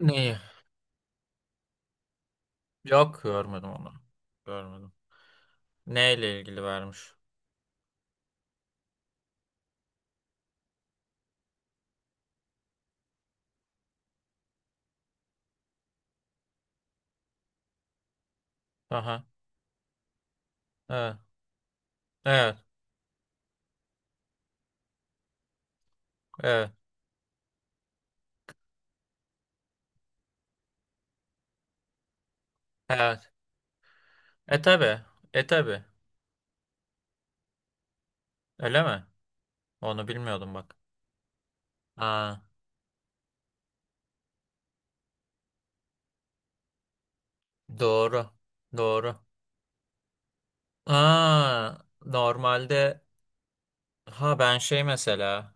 Neyi? Yok görmedim onu. Görmedim. Neyle ilgili vermiş? Aha. Evet. Evet. Evet. Evet. E tabi. E tabi. Öyle mi? Onu bilmiyordum bak. Aa, doğru. Doğru. Aa, normalde ha ben şey mesela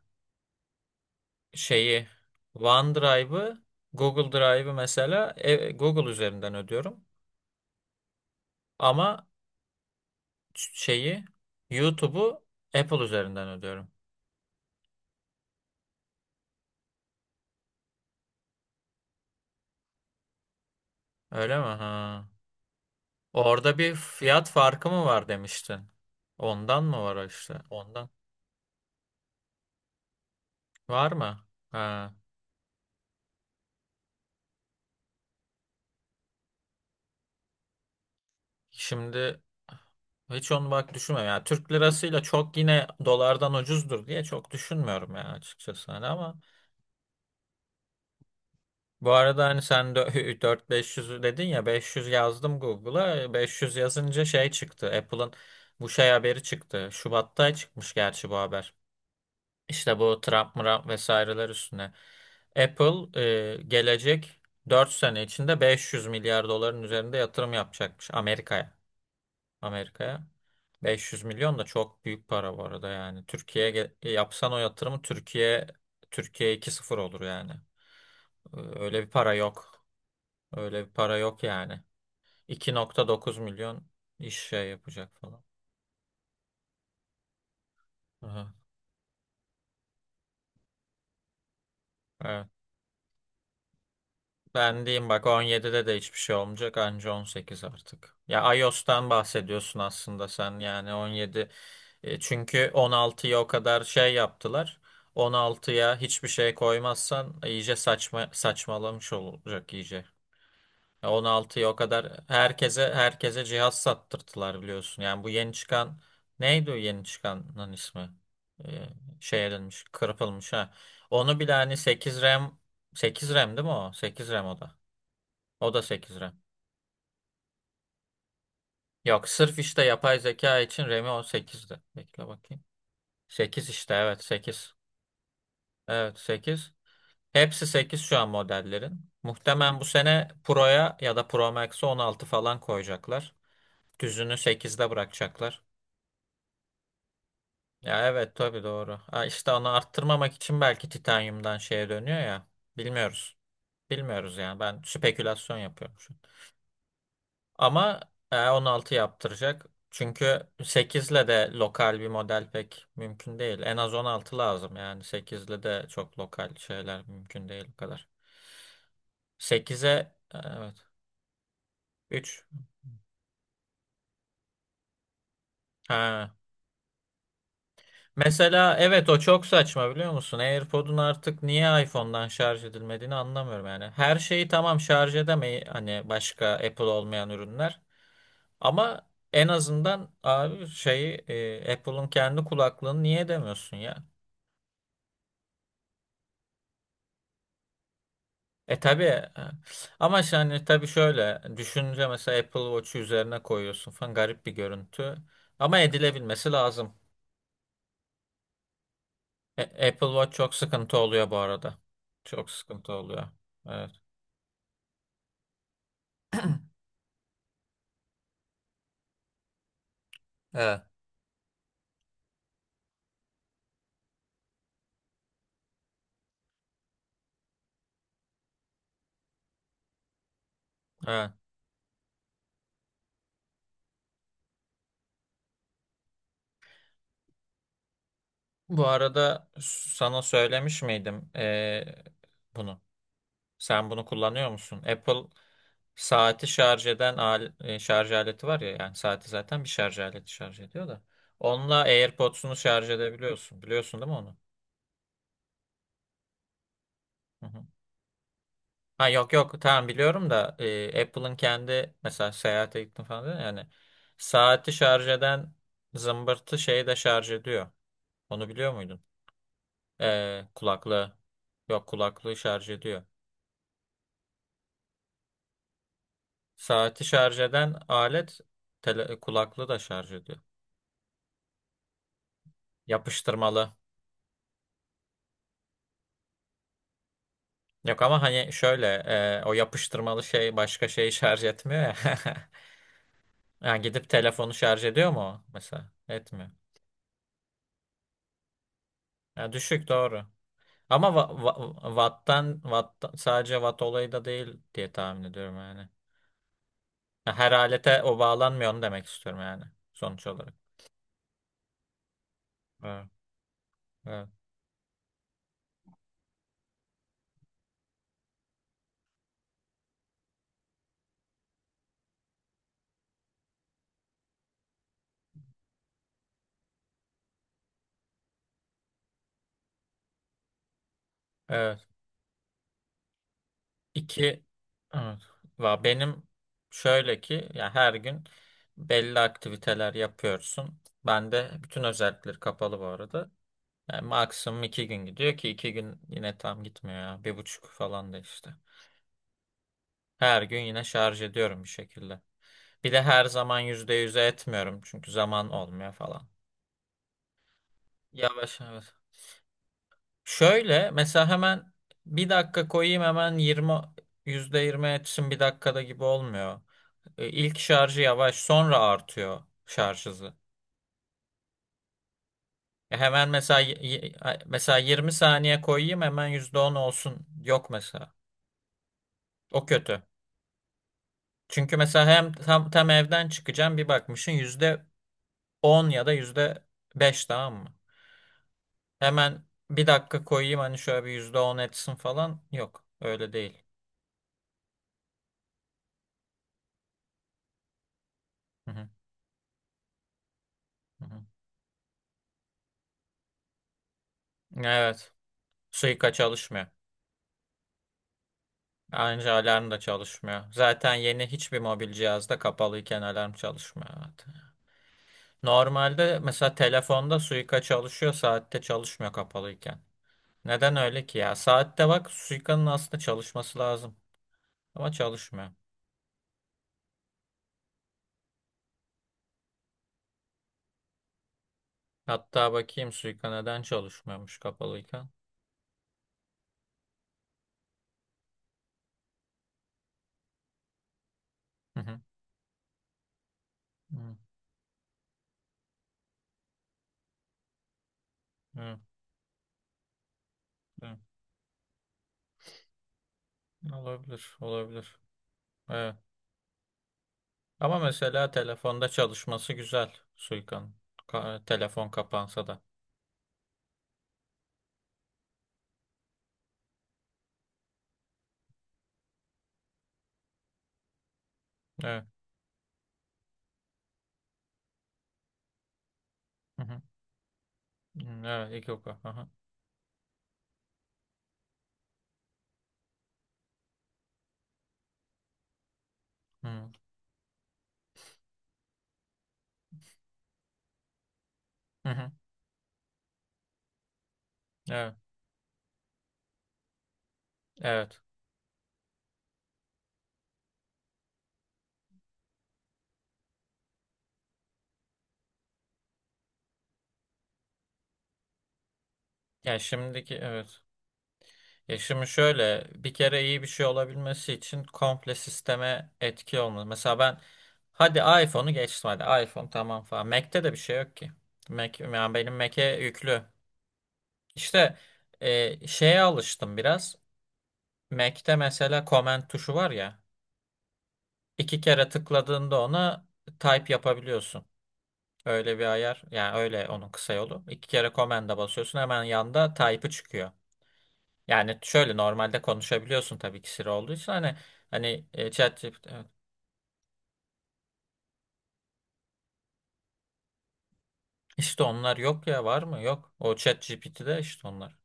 şeyi OneDrive'ı Google Drive'ı mesela Google üzerinden ödüyorum. Ama şeyi YouTube'u Apple üzerinden ödüyorum. Öyle mi? Ha. Orada bir fiyat farkı mı var demiştin? Ondan mı var işte? Ondan. Var mı? Ha. Şimdi hiç onu bak düşünmüyorum. Yani Türk lirasıyla çok yine dolardan ucuzdur diye çok düşünmüyorum yani açıkçası hani ama bu arada hani sen 4-500 dedin ya 500 yazdım Google'a 500 yazınca şey çıktı Apple'ın bu şey haberi çıktı. Şubat'ta çıkmış gerçi bu haber. İşte bu Trump, Murap vesaireler üstüne. Apple gelecek 4 sene içinde 500 milyar doların üzerinde yatırım yapacakmış Amerika'ya. Amerika'ya. 500 milyon da çok büyük para bu arada yani. Türkiye'ye ge- yapsan o yatırımı Türkiye Türkiye iki sıfır olur yani. Öyle bir para yok. Öyle bir para yok yani. 2,9 milyon iş şey yapacak falan. Aha. Evet. Ben diyeyim bak 17'de de hiçbir şey olmayacak anca 18 artık. Ya iOS'tan bahsediyorsun aslında sen yani 17. Çünkü 16'ya o kadar şey yaptılar. On altıya hiçbir şey koymazsan iyice saçma saçmalamış olacak iyice. Ya 16'ya o kadar herkese cihaz sattırttılar biliyorsun. Yani bu yeni çıkan neydi o yeni çıkanın ismi? E, şey edilmiş, kırpılmış ha. Onu bile hani 8 RAM 8 RAM değil mi o? 8 RAM o da. O da 8 RAM. Yok sırf işte yapay zeka için RAM'i 18'di. Bekle bakayım. 8 işte evet 8. Evet 8. Hepsi 8 şu an modellerin. Muhtemelen bu sene Pro'ya ya da Pro Max'e 16 falan koyacaklar. Düzünü 8'de bırakacaklar. Ya evet tabii doğru. Ha, işte onu arttırmamak için belki titanyumdan şeye dönüyor ya. Bilmiyoruz. Bilmiyoruz yani. Ben spekülasyon yapıyorum şu an. Ama 16 yaptıracak. Çünkü 8'le de lokal bir model pek mümkün değil. En az 16 lazım yani. 8'le de çok lokal şeyler mümkün değil bu kadar. 8'e evet 3. Ha. Mesela evet o çok saçma biliyor musun? AirPod'un artık niye iPhone'dan şarj edilmediğini anlamıyorum yani. Her şeyi tamam şarj edemeyi hani başka Apple olmayan ürünler. Ama en azından abi şeyi Apple'ın kendi kulaklığını niye demiyorsun ya? E tabii ama yani tabii şöyle düşünce mesela Apple Watch'u üzerine koyuyorsun falan garip bir görüntü. Ama edilebilmesi lazım. Apple Watch çok sıkıntı oluyor bu arada. Çok sıkıntı oluyor. Evet. Evet. Evet. Bu arada sana söylemiş miydim bunu? Sen bunu kullanıyor musun? Apple saati şarj eden şarj aleti var ya yani saati zaten bir şarj aleti şarj ediyor da. Onunla AirPods'unu şarj edebiliyorsun. Biliyorsun değil mi onu? Hı hı. Ha yok yok tamam biliyorum da Apple'ın kendi mesela seyahate gittim falan dedin ya, yani saati şarj eden zımbırtı şeyi de şarj ediyor. Onu biliyor muydun? Kulaklığı. Yok kulaklığı şarj ediyor. Saati şarj eden alet kulaklığı da şarj ediyor. Yapıştırmalı. Yok ama hani şöyle o yapıştırmalı şey başka şeyi şarj etmiyor ya. Yani gidip telefonu şarj ediyor mu o mesela? Etmiyor. Ya düşük doğru. Ama watt'tan, watt'tan sadece watt olayı da değil diye tahmin ediyorum yani. Her alete o bağlanmıyor onu demek istiyorum yani sonuç olarak. Evet. Evet. Evet. İki evet. Benim şöyle ki ya her gün belli aktiviteler yapıyorsun. Ben de bütün özellikleri kapalı bu arada. Yani maksimum 2 gün gidiyor ki 2 gün yine tam gitmiyor ya. 1,5 falan da işte. Her gün yine şarj ediyorum bir şekilde. Bir de her zaman %100'e etmiyorum çünkü zaman olmuyor falan. Yavaş yavaş. Şöyle mesela hemen bir dakika koyayım hemen 20 yüzde 20 etsin bir dakikada gibi olmuyor. İlk şarjı yavaş sonra artıyor şarj hızı. Hemen mesela mesela 20 saniye koyayım hemen %10 olsun. Yok mesela. O kötü. Çünkü mesela hem tam evden çıkacağım bir bakmışsın %10 ya da yüzde 5 tamam mı? Hemen bir dakika koyayım hani şöyle bir %10 etsin falan. Yok öyle değil. Hı hı, hı hı. Evet, suika çalışmıyor. Ayrıca alarm da çalışmıyor. Zaten yeni hiçbir mobil cihazda kapalıyken alarm çalışmıyor zaten. Normalde mesela telefonda suika çalışıyor, saatte çalışmıyor kapalıyken. Neden öyle ki ya? Saatte bak suikanın aslında çalışması lazım. Ama çalışmıyor. Hatta bakayım suika neden çalışmıyormuş kapalıyken. Hı hı, hı hı, hı. Olabilir, olabilir. Evet. Ama mesela telefonda çalışması güzel Suika'nın. Telefon kapansa da. Evet. Hı hı. Hı, evet, iki oku. Hı hı. Hı hı. Hı. Evet. Evet. Ya şimdiki evet. Ya şimdi şöyle bir kere iyi bir şey olabilmesi için komple sisteme etki olmalı. Mesela ben hadi iPhone'u geçtim hadi iPhone tamam falan. Mac'te de bir şey yok ki. Mac, yani benim Mac'e yüklü. İşte şeye alıştım biraz. Mac'te mesela comment tuşu var ya. İki kere tıkladığında ona type yapabiliyorsun. Öyle bir ayar. Yani öyle onun kısa yolu. İki kere command'a basıyorsun hemen yanda type'ı çıkıyor. Yani şöyle normalde konuşabiliyorsun tabii ki Siri olduysa hani ChatGPT evet. işte onlar yok ya, var mı? Yok. O ChatGPT'de işte onlar.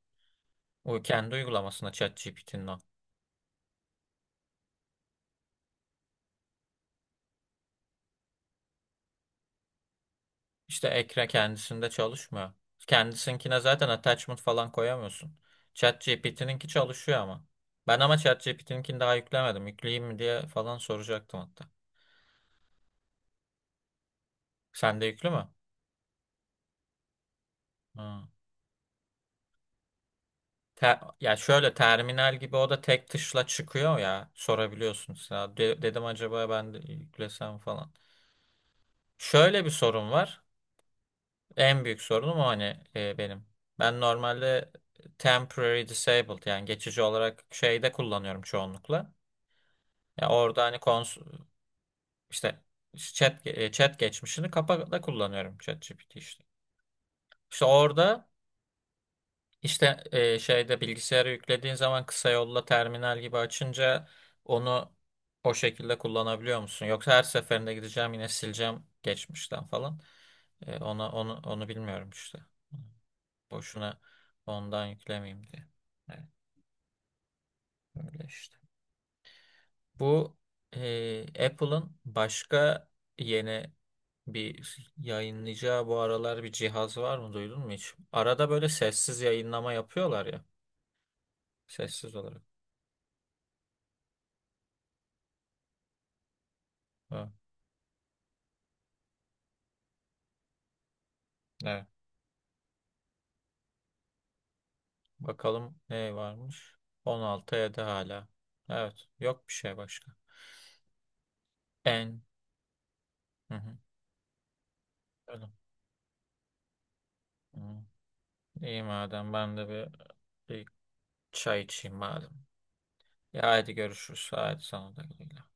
O kendi uygulamasında ChatGPT'nin o. İşte ekran kendisinde çalışmıyor. Kendisinkine zaten attachment falan koyamıyorsun. ChatGPT'ninki çalışıyor ama. Ben ama ChatGPT'ninkini daha yüklemedim. Yükleyeyim mi diye falan soracaktım hatta. Sende yüklü mü? Ha. Ya şöyle terminal gibi o da tek tuşla çıkıyor ya. Sorabiliyorsun. Ya dedim acaba ben de yüklesem falan. Şöyle bir sorun var. En büyük sorunum o hani benim. Ben normalde temporary disabled yani geçici olarak şeyde kullanıyorum çoğunlukla. Ya orada hani kons işte chat geçmişini kapakla kullanıyorum ChatGPT işte. İşte orada işte şeyde bilgisayara yüklediğin zaman kısa yolla terminal gibi açınca onu o şekilde kullanabiliyor musun? Yoksa her seferinde gideceğim yine sileceğim geçmişten falan. Ona onu bilmiyorum işte. Boşuna ondan yüklemeyeyim diye. Evet, öyle işte. Bu Apple'ın başka yeni bir yayınlayacağı bu aralar bir cihaz var mı duydun mu hiç? Arada böyle sessiz yayınlama yapıyorlar ya. Sessiz olarak. Ha, evet. Bakalım ne varmış? 16 ya da hala. Evet. Yok bir şey başka. En. Hı hı. Öyle. Hı. İyi madem ben de bir çay içeyim madem. Ya hadi görüşürüz. Hadi sana da güle güle.